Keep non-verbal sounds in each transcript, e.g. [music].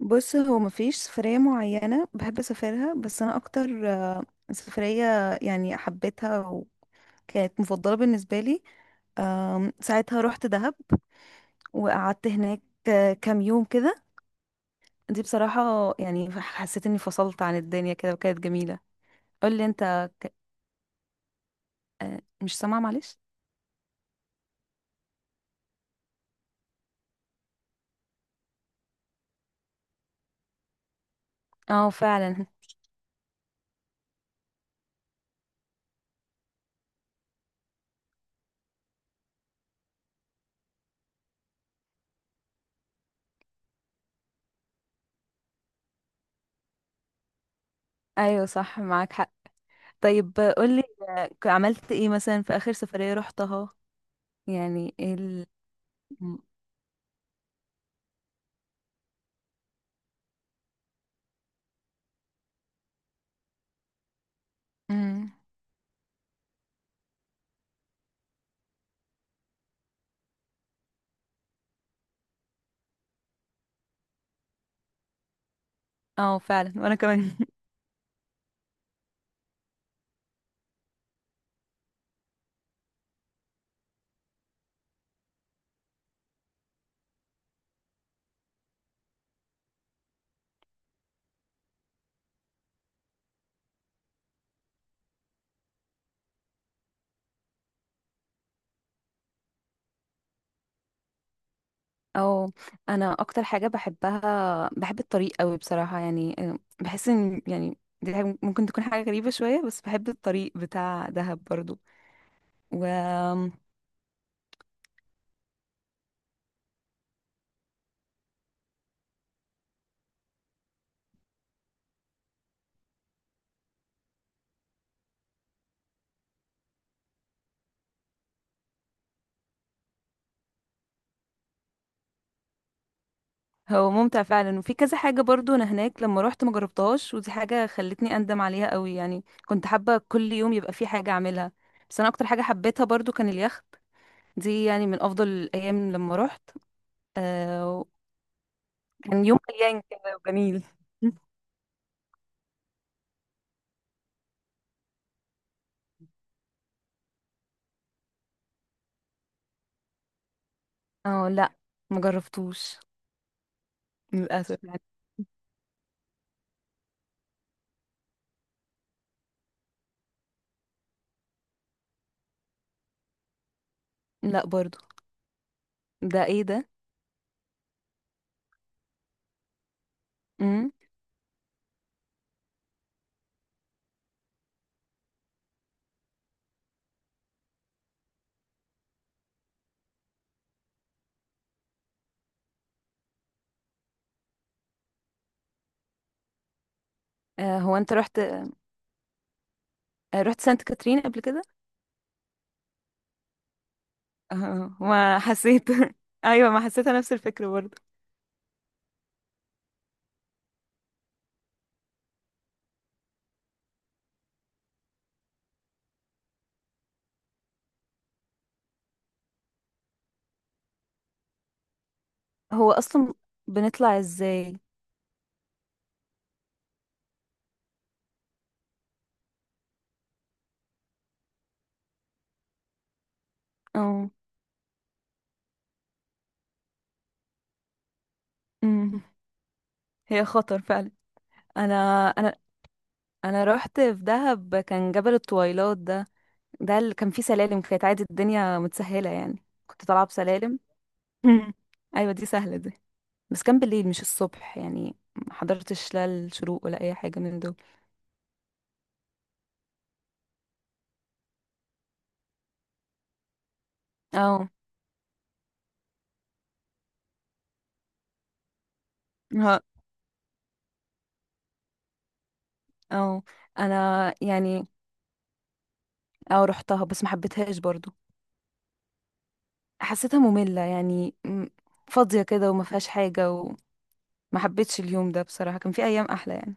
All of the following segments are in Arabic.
بص هو مفيش سفرية معينة بحب أسافرها، بس أنا أكتر سفرية يعني حبيتها وكانت مفضلة بالنسبة لي. ساعتها رحت دهب وقعدت هناك كام يوم كده. دي بصراحة يعني حسيت إني فصلت عن الدنيا كده وكانت جميلة. قولي أنت. مش سامعة، معلش. اه فعلا. [laughs] أيوة صح، معاك حق. طيب، قولي. عملت ايه مثلا في آخر سفرية رحتها؟ يعني ايه م- مم. اه فعلا، وأنا كمان. او، انا اكتر حاجه بحبها، بحب الطريق قوي بصراحه، يعني بحس ان يعني دي حاجة ممكن تكون حاجه غريبه شويه، بس بحب الطريق بتاع دهب برضو وهو ممتع فعلا، وفي كذا حاجه برضو، انا هناك لما روحت ما جربتهاش، ودي حاجه خلتني اندم عليها قوي، يعني كنت حابه كل يوم يبقى في حاجه اعملها، بس انا اكتر حاجه حبيتها برضو كان اليخت. دي يعني من افضل الايام لما روحت. آه، كان يوم مليان كده وجميل. [laughs] اه لا، ما جربتوش للاسف. لا برضو. ده ايه ده؟ امم. آه هو انت رحت؟ آه رحت سانت كاترين قبل كده؟ [laughs] آه ما حسيت. [laughs] ايوه ما حسيت نفس الفكرة برضو. هو اصلا بنطلع ازاي؟ اه. امم. هي خطر فعلا. انا انا انا رحت في دهب، كان جبل الطويلات ده. ده اللي كان فيه سلالم، كانت عادي، الدنيا متسهلة يعني كنت طالعة بسلالم. مم. [laughs] ايوه دي سهلة دي. بس كان بالليل مش الصبح، يعني ما حضرتش لا الشروق ولا اي حاجة من دول. اه. اه انا يعني. اه رحتها بس ما حبيتهاش برضو. حسيتها مملة يعني، فاضية كده، وما فيهاش حاجة، وما حبيتش اليوم ده بصراحة. كان في ايام احلى يعني.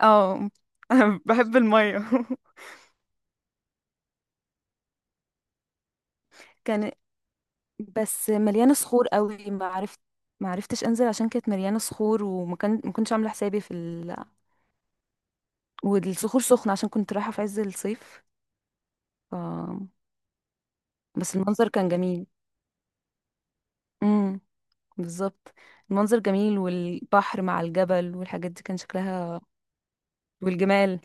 اه. [laughs] انا بحب المية. [laughs] كان، بس مليانة صخور قوي، ما عرفتش انزل عشان كانت مليانة صخور، وما كان ما كنتش عاملة حسابي والصخور سخنة عشان كنت رايحة في عز الصيف، ف... بس المنظر كان جميل. امم. بالظبط. المنظر جميل، والبحر مع الجبل والحاجات دي كان شكلها. والجمال.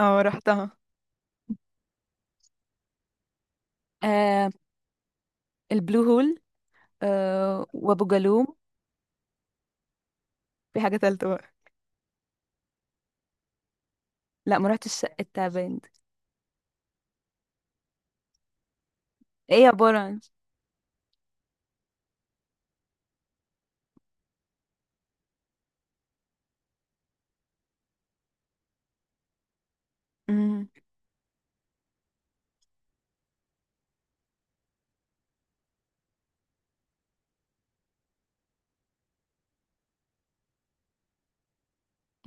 اه رحتها. آه البلو هول. آه وابو جالوم. في حاجة تالتة بقى. لا، ما رحتش شقة تعبان دي. ايه عبارة عن؟ مم.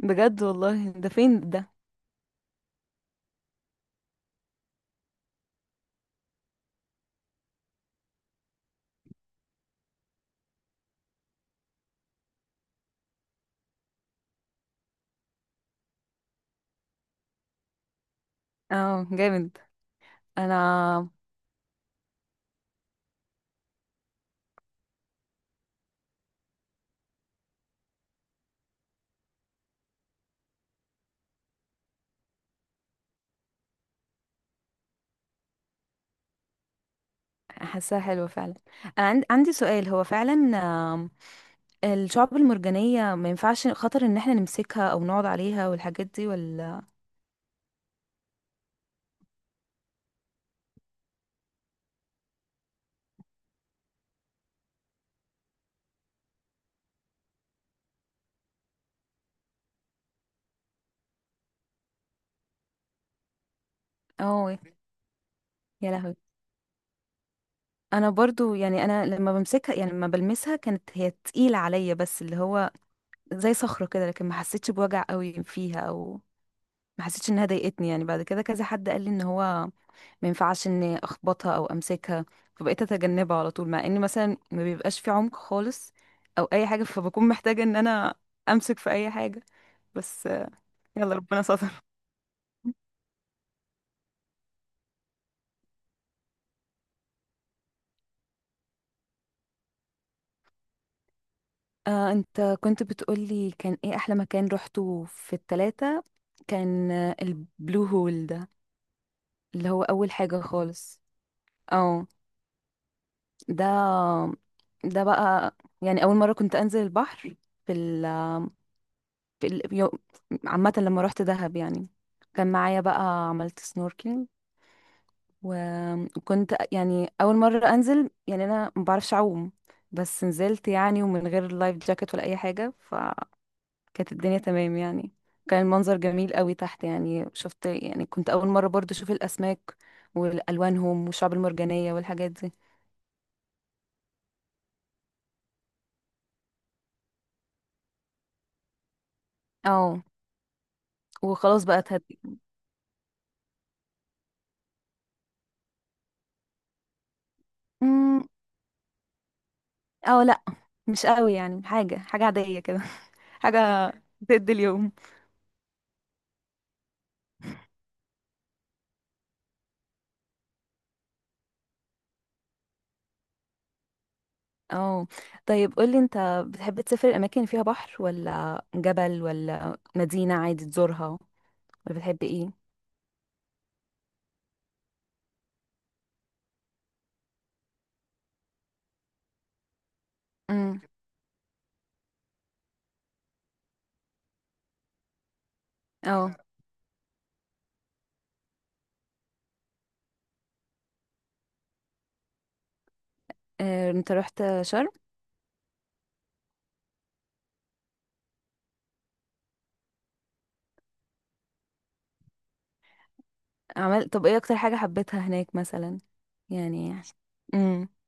بجد والله؟ ده فين ده؟ اه جامد. انا حاساها حلوة فعلا. انا عندي سؤال، هو فعلا آم، الشعب المرجانية ما ينفعش، خطر ان احنا نمسكها او نقعد عليها والحاجات دي ولا؟ اه. يا لهوي. انا برضو يعني، انا لما بمسكها، يعني لما بلمسها، كانت هي تقيلة عليا بس اللي هو زي صخرة كده، لكن ما حسيتش بوجع قوي فيها، او ما حسيتش انها ضايقتني، يعني بعد كده كذا حد قال لي ان هو ما ينفعش اني اخبطها او امسكها، فبقيت اتجنبها على طول، مع ان مثلا ما بيبقاش في عمق خالص او اي حاجة، فبكون محتاجة ان انا امسك في اي حاجة، بس يلا ربنا ستر. [laughs] انت كنت بتقولي كان ايه احلى مكان روحته في التلاتة؟ كان البلو هول ده اللي هو اول حاجة خالص. اه. ده ده بقى يعني اول مرة كنت انزل البحر في ال في ال يو- عامة لما روحت دهب، يعني كان معايا بقى، عملت سنوركينج. وكنت يعني اول مرة انزل، يعني انا ما بعرفش اعوم، بس نزلت يعني، ومن غير لايف جاكيت ولا اي حاجة، فكانت الدنيا تمام يعني. كان المنظر جميل قوي تحت، يعني شفت، يعني كنت اول مرة برضو اشوف الاسماك والوانهم والشعب المرجانية والحاجات دي. اه وخلاص بقى اتهدي. امم. اه لا، مش قوي، يعني حاجة حاجة عادية كده. [laughs] حاجة تدي اليوم. اه طيب، قولي انت، بتحب تسافر الأماكن اللي فيها بحر ولا جبل ولا مدينة عادي تزورها، ولا بتحب ايه؟ امم. اه انت رحت شرم؟ طب ايه اكتر حاجة حبيتها هناك مثلا؟ يعني، امم.